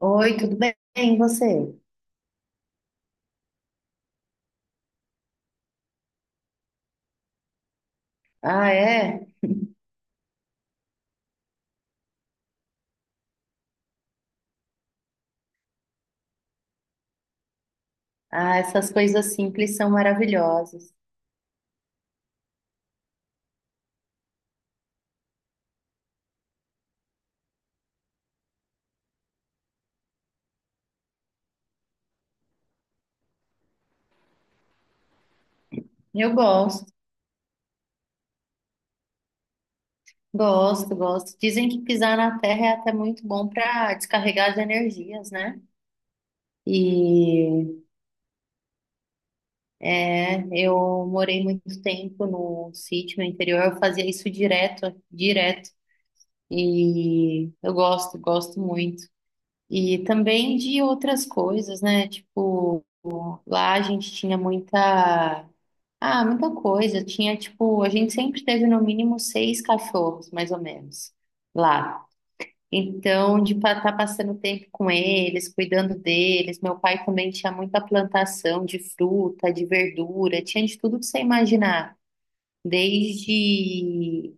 Oi, tudo bem? E você? Ah, é? Ah, essas coisas simples são maravilhosas. Eu gosto, gosto. Dizem que pisar na terra é até muito bom para descarregar as energias, né? E eu morei muito tempo no sítio, no interior, eu fazia isso direto. E eu gosto, gosto muito. E também de outras coisas, né? Tipo, lá a gente tinha muita. Ah, muita coisa. Tinha, tipo, a gente sempre teve no mínimo seis cachorros, mais ou menos, lá. Então, de estar passando tempo com eles, cuidando deles. Meu pai também tinha muita plantação de fruta, de verdura, tinha de tudo que você imaginar. Desde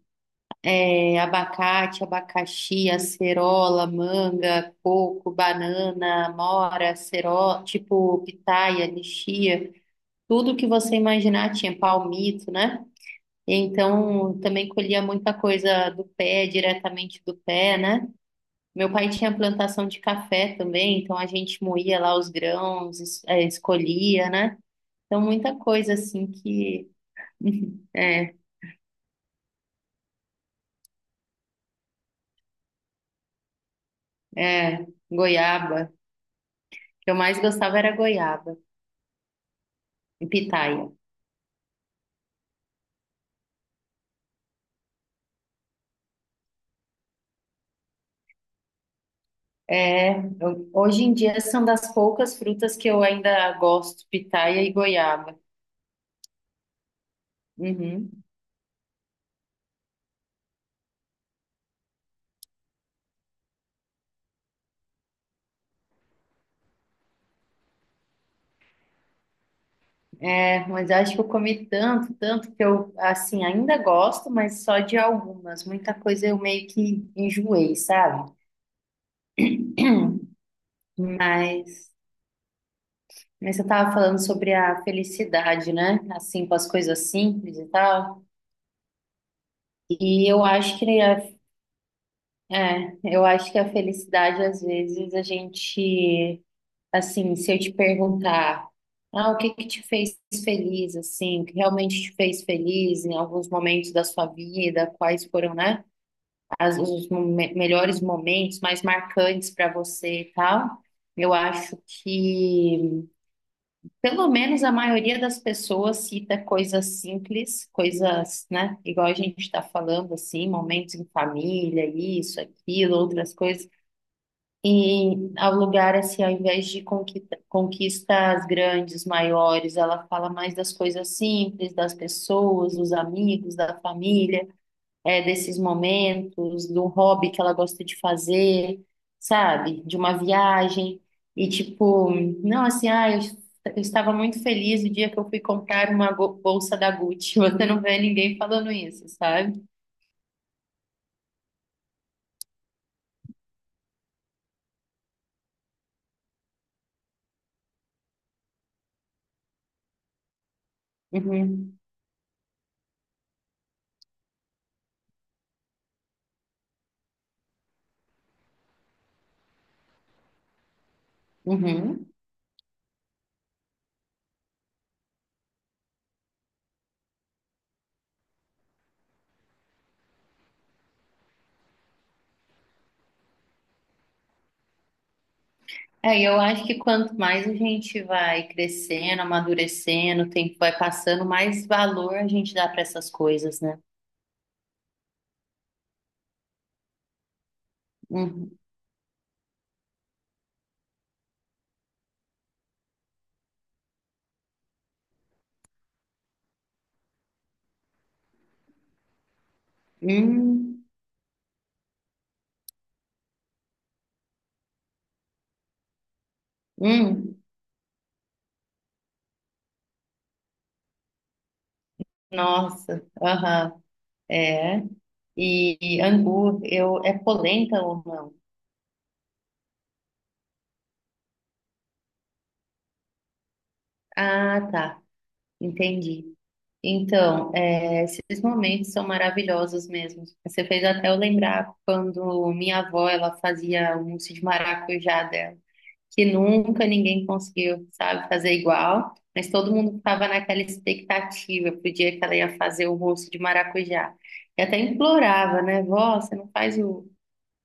é, abacate, abacaxi, acerola, manga, coco, banana, amora, acerola, tipo, pitaia, lixia. Tudo que você imaginar, tinha palmito, né? Então também colhia muita coisa do pé, diretamente do pé, né? Meu pai tinha plantação de café também, então a gente moía lá os grãos, escolhia, né? Então muita coisa assim que é, é, goiaba. O que eu mais gostava era goiaba e pitaia. É, hoje em dia são das poucas frutas que eu ainda gosto, pitaia e goiaba. Uhum. É, mas eu acho que eu comi tanto, tanto que eu, assim, ainda gosto, mas só de algumas. Muita coisa eu meio que enjoei, sabe? Mas, você estava falando sobre a felicidade, né? Assim, com as coisas simples e tal. E eu acho que eu acho que a felicidade, às vezes, a gente, assim, se eu te perguntar, ah, o que que te fez feliz, assim, o que realmente te fez feliz em alguns momentos da sua vida, quais foram, né? Melhores momentos mais marcantes para você e tal. Eu acho que pelo menos a maioria das pessoas cita coisas simples, coisas, né? Igual a gente está falando, assim, momentos em família, isso, aquilo, outras coisas. E ao lugar, assim, ao invés de conquistas grandes, maiores, ela fala mais das coisas simples, das pessoas, dos amigos, da família, é, desses momentos, do hobby que ela gosta de fazer, sabe? De uma viagem. E tipo, não, assim, ah, eu estava muito feliz o dia que eu fui comprar uma bolsa da Gucci. Você não vê ninguém falando isso, sabe? Uhum. Uhum. É, e eu acho que quanto mais a gente vai crescendo, amadurecendo, o tempo vai passando, mais valor a gente dá para essas coisas, né? Uhum. Hum, hum. Nossa, aham. É. E, angu, eu, é polenta ou não? Ah, tá, entendi. Então, é, esses momentos são maravilhosos mesmo. Você fez até eu lembrar quando minha avó, ela fazia o mousse de maracujá dela, que nunca ninguém conseguiu, sabe, fazer igual, mas todo mundo estava naquela expectativa pro dia que ela ia fazer o mousse de maracujá. E até implorava, né, vó, você não faz o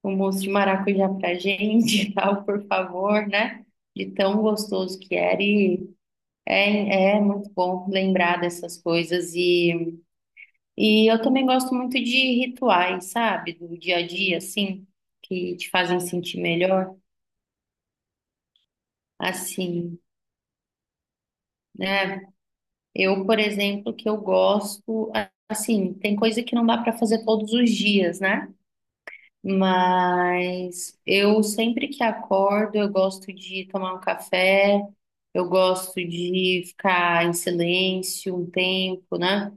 um moço de maracujá pra gente e tal, por favor, né? De tão gostoso que era. E é, é muito bom lembrar dessas coisas. E, e eu também gosto muito de rituais, sabe? Do dia a dia, assim, que te fazem sentir melhor, assim, né? Eu, por exemplo, que eu gosto, assim, tem coisa que não dá pra fazer todos os dias, né? Mas eu sempre que acordo, eu gosto de tomar um café, eu gosto de ficar em silêncio um tempo, né?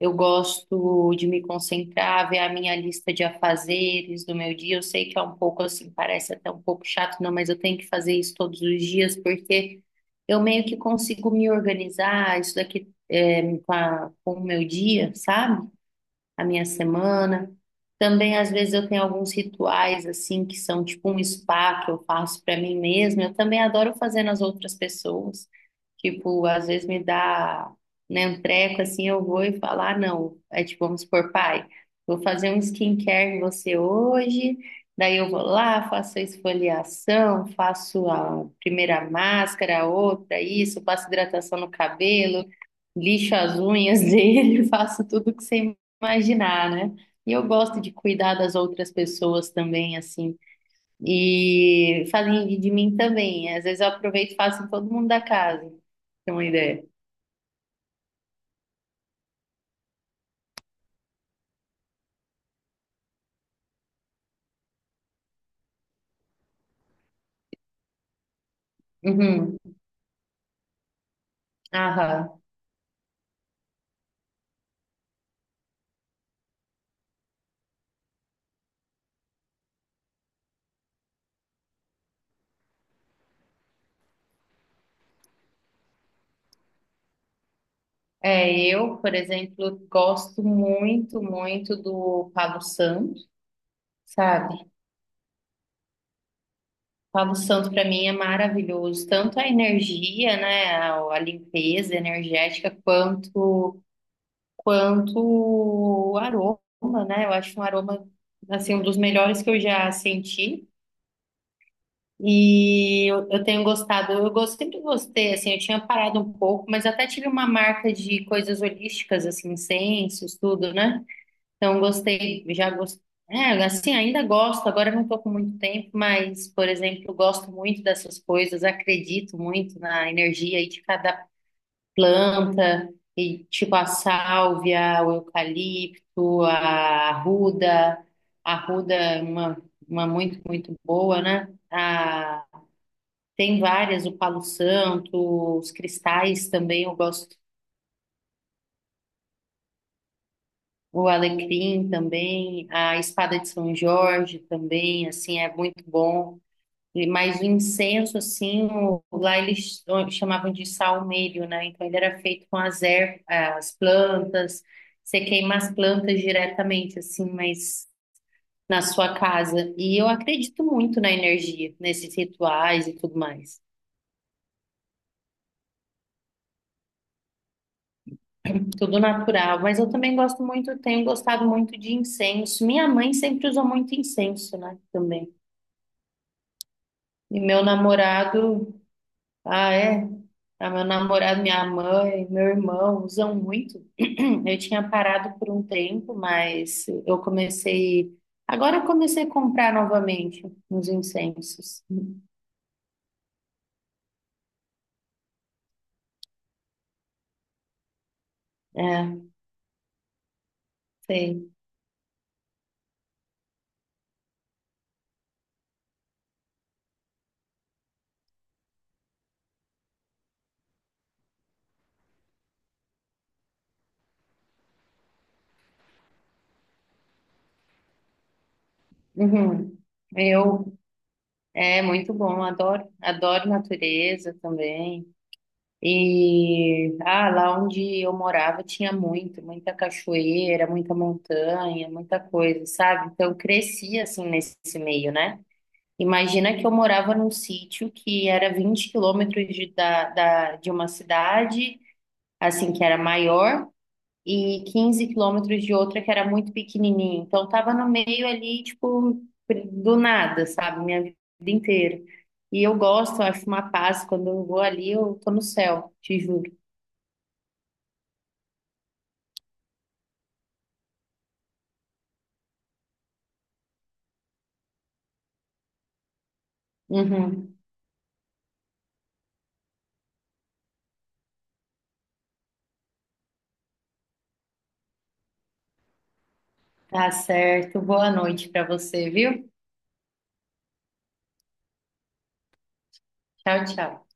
Eu gosto de me concentrar, ver a minha lista de afazeres do meu dia. Eu sei que é um pouco assim, parece até um pouco chato, não, mas eu tenho que fazer isso todos os dias porque eu meio que consigo me organizar, isso daqui é, com o meu dia, sabe? A minha semana. Também, às vezes, eu tenho alguns rituais, assim, que são tipo um spa que eu faço para mim mesma. Eu também adoro fazer nas outras pessoas. Tipo, às vezes me dá, né, um treco, assim, eu vou e falo, ah, não. É tipo, vamos supor, pai, vou fazer um skincare em você hoje. Daí eu vou lá, faço a esfoliação, faço a primeira máscara, a outra, isso, faço hidratação no cabelo, lixo as unhas dele, faço tudo que você imaginar, né? E eu gosto de cuidar das outras pessoas também, assim. E fazem de mim também. Às vezes eu aproveito e faço em todo mundo da casa. Tem uma ideia. Uhum. Aham. É, eu, por exemplo, gosto muito, muito do Palo Santo, sabe? Palo Santo para mim é maravilhoso, tanto a energia, né, a limpeza energética, quanto o aroma, né? Eu acho um aroma, assim, um dos melhores que eu já senti. E eu, tenho gostado, eu gosto, sempre gostei, assim, eu tinha parado um pouco, mas até tive uma marca de coisas holísticas, assim, incensos, tudo, né? Então gostei, já gostei. É, assim, ainda gosto, agora eu não estou com muito tempo, mas, por exemplo, eu gosto muito dessas coisas, acredito muito na energia aí de cada planta, e tipo a sálvia, o eucalipto, a arruda. A arruda é uma muito, muito boa, né? A, tem várias, o palo santo, os cristais também, eu gosto. O alecrim também, a espada de São Jorge também, assim, é muito bom. Mas o incenso, assim, lá eles chamavam de salmério, né? Então ele era feito com as ervas, as plantas, você queima as plantas diretamente, assim, mas na sua casa. E eu acredito muito na energia, nesses rituais e tudo mais. Tudo natural, mas eu também gosto muito, tenho gostado muito de incenso. Minha mãe sempre usou muito incenso, né? Também. E meu namorado. Ah, é? Ah, meu namorado, minha mãe, meu irmão usam muito. Eu tinha parado por um tempo, mas eu comecei. Agora eu comecei a comprar novamente uns incensos. É, sei. Uhum. Eu, é muito bom, adoro. Adoro natureza também. E ah, lá onde eu morava tinha muito, muita cachoeira, muita montanha, muita coisa, sabe? Então eu cresci assim nesse meio, né? Imagina que eu morava num sítio que era 20 km de uma cidade, assim, que era maior, e 15 km de outra que era muito pequenininha. Então, tava no meio ali, tipo, do nada, sabe? Minha vida inteira. E eu gosto, eu acho uma paz. Quando eu vou ali, eu tô no céu, te juro. Uhum. Tá certo. Boa noite pra você, viu? Tchau, tchau.